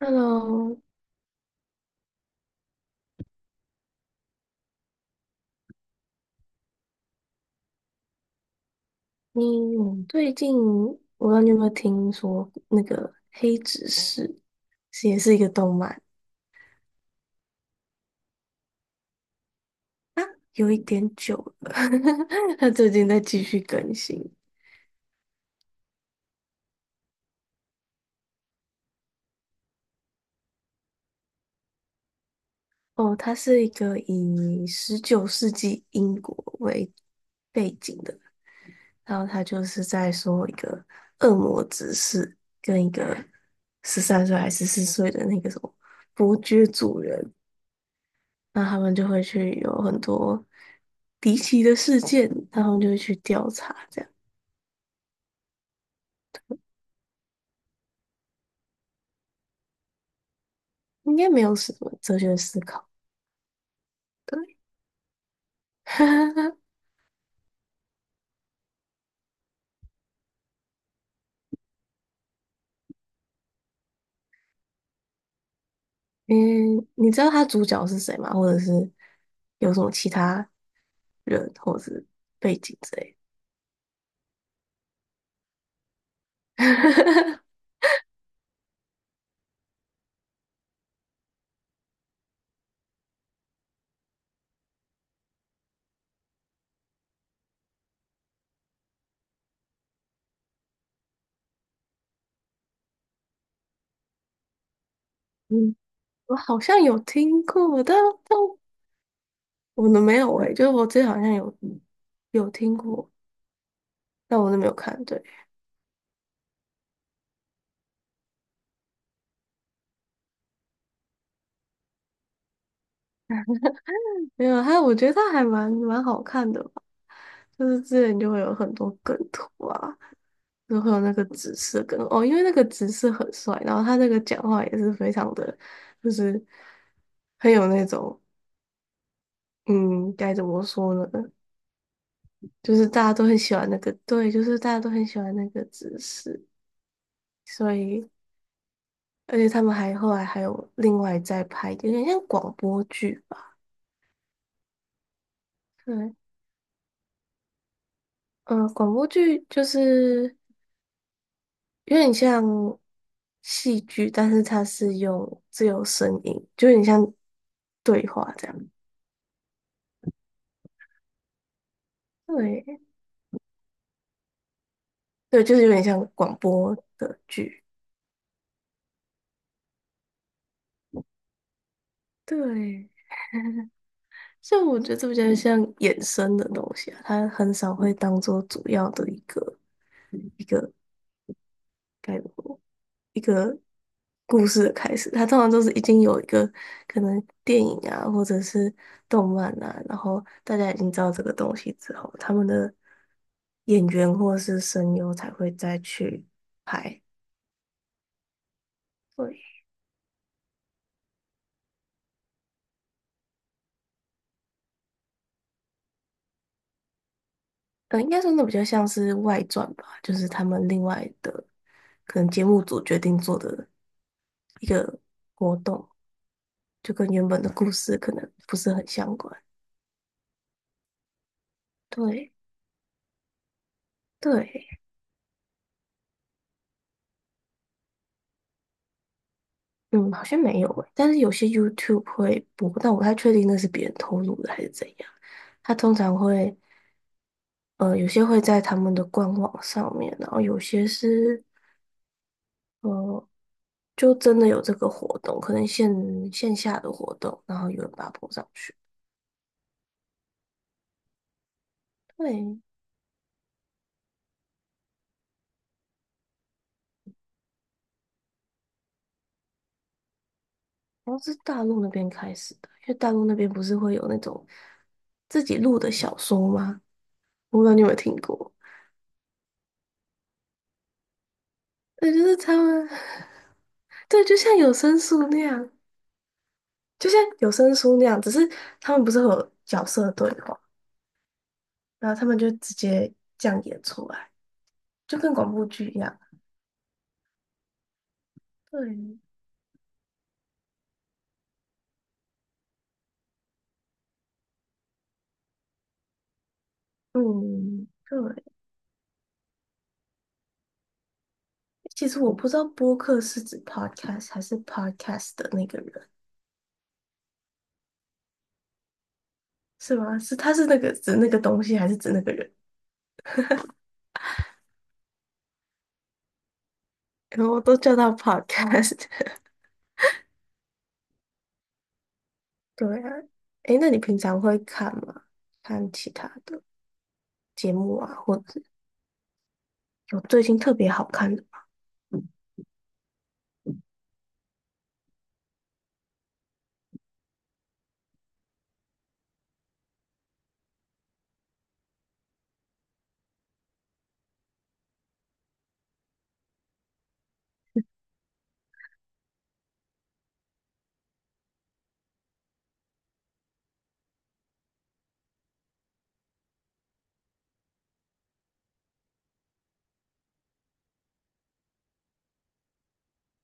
Hello，你最近我不知道你有没有听说那个《黑执事》是也是一个动漫啊，有一点久了，它最近在继续更新哦。它是一个以19世纪英国为背景的，然后它就是在说一个恶魔执事跟一个13岁还是14岁的那个什么伯爵主人那他们就会去有很多离奇的事件，他们就会去调查，这样应该没有什么哲学思考。对，嗯，你知道他主角是谁吗？或者是有什么其他人或者是背景之类的？嗯，我好像有听过，但我的没有诶、就是我之前好像有听过，但我都没有看。对。没有，还我觉得他还蛮好看的吧，就是之前就会有很多梗图啊，就会有那个紫色梗哦，因为那个紫色很帅，然后他那个讲话也是非常的，就是很有那种，嗯，该怎么说呢？就是大家都很喜欢那个，对，就是大家都很喜欢那个紫色，所以而且他们还后来还有另外再拍，有点像广播剧吧，对。嗯，广播剧就是有点像戏剧，但是它是用自由声音，就有点像对话这样。对，对，就是有点像广播的剧。对，所以我觉得这比较像衍生的东西啊，它很少会当做主要的一个概括。故事的开始，它通常都是已经有一个可能电影啊，或者是动漫啊，然后大家已经知道这个东西之后，他们的演员或者是声优才会再去拍。对，应该说那比较像是外传吧，就是他们另外的可能节目组决定做的一个活动，就跟原本的故事可能不是很相关。对对。嗯，好像没有诶，但是有些 YouTube 会播，但我不太确定那是别人透露的还是怎样。他通常会，有些会在他们的官网上面，然后有些是，呃，就真的有这个活动，可能线下的活动，然后有人把它播上去。对，好像是大陆那边开始的，因为大陆那边不是会有那种自己录的小说吗？我不知道你有没有听过，对，就是他们，对，就像有声书那样。就像有声书那样，只是他们不是会有角色对话，然后他们就直接这样演出来，就跟广播剧一样。对，嗯，对。其实我不知道播客是指 podcast 还是 podcast 的那个人，是吗？是他是那个指那个东西，还是指那个人？然后我都叫他 podcast。对啊，诶，那你平常会看吗？看其他的节目啊，或者有最近特别好看的吗？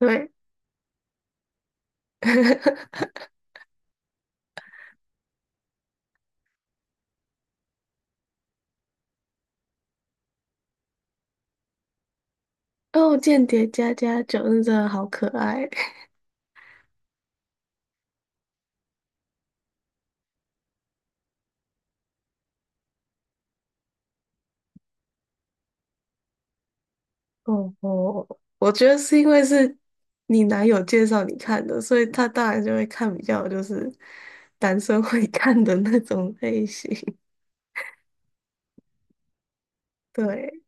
对。哦，间谍加加九那真的好可爱。哦哦，我觉得是因为是你男友介绍你看的，所以他当然就会看比较就是男生会看的那种类型。对，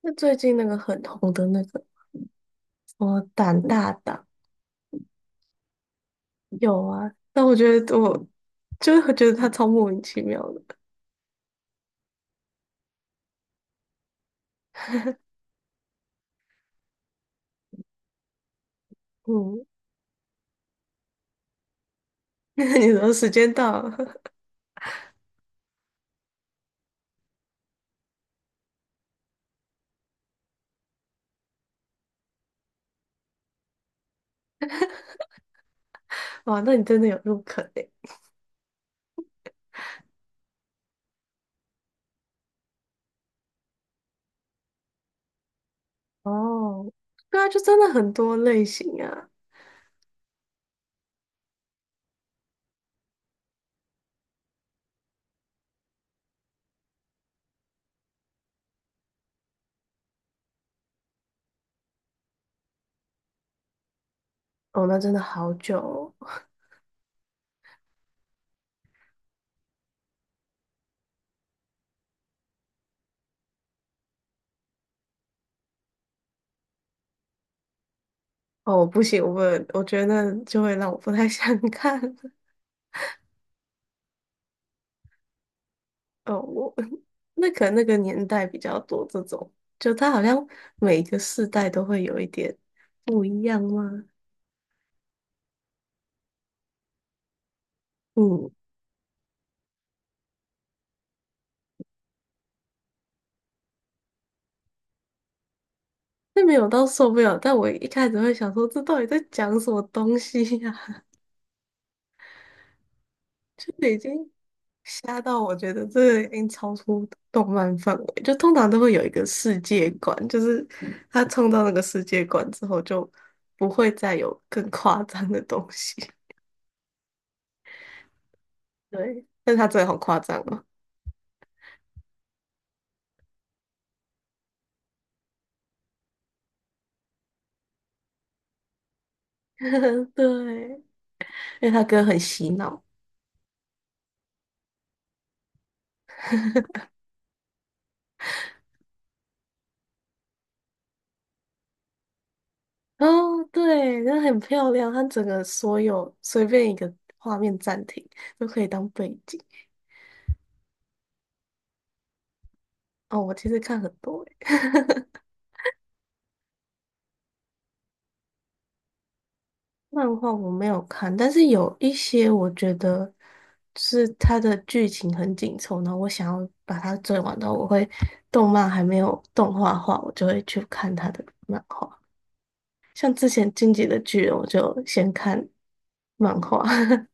那最近那个很红的那个什么胆大党有啊，但我觉得我就会觉得他超莫名其妙的。嗯，那你说时间到了，哇，那你真的有入坑诶。哦，对啊，就真的很多类型啊。哦，那真的好久哦，哦，不行，我觉得就会让我不太想 看哦，我那可能那个年代比较多这种，就它好像每个世代都会有一点不一样吗？嗯，那没有到受不了，但我一开始会想说，这到底在讲什么东西呀、就已经吓到我觉得这个已经超出动漫范围，就通常都会有一个世界观，就是他冲到那个世界观之后，就不会再有更夸张的东西。对，但是他真的好夸张哦，对，因为他歌很洗脑。哦，对，那很漂亮，它整个所有随便一个画面暂停都可以当背景。哦，我其实看很多欸漫画我没有看，但是有一些我觉得是它的剧情很紧凑，然后我想要把它追完的话，我会动漫还没有动画化，我就会去看它的漫画。像之前《进击的巨人》，我就先看漫画，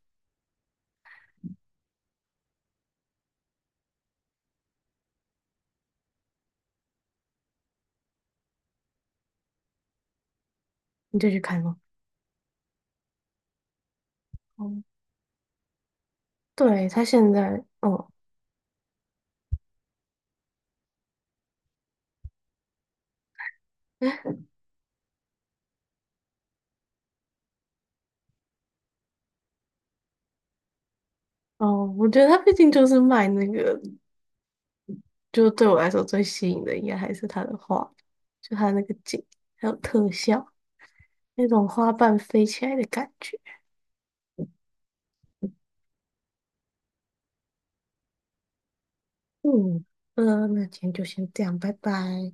你就去看吗？哦，对，他现在，哦哦，我觉得他毕竟就是卖那个，就对我来说最吸引的应该还是他的画，就他那个景，还有特效，那种花瓣飞起来的感觉。嗯，那今天就先这样，拜拜。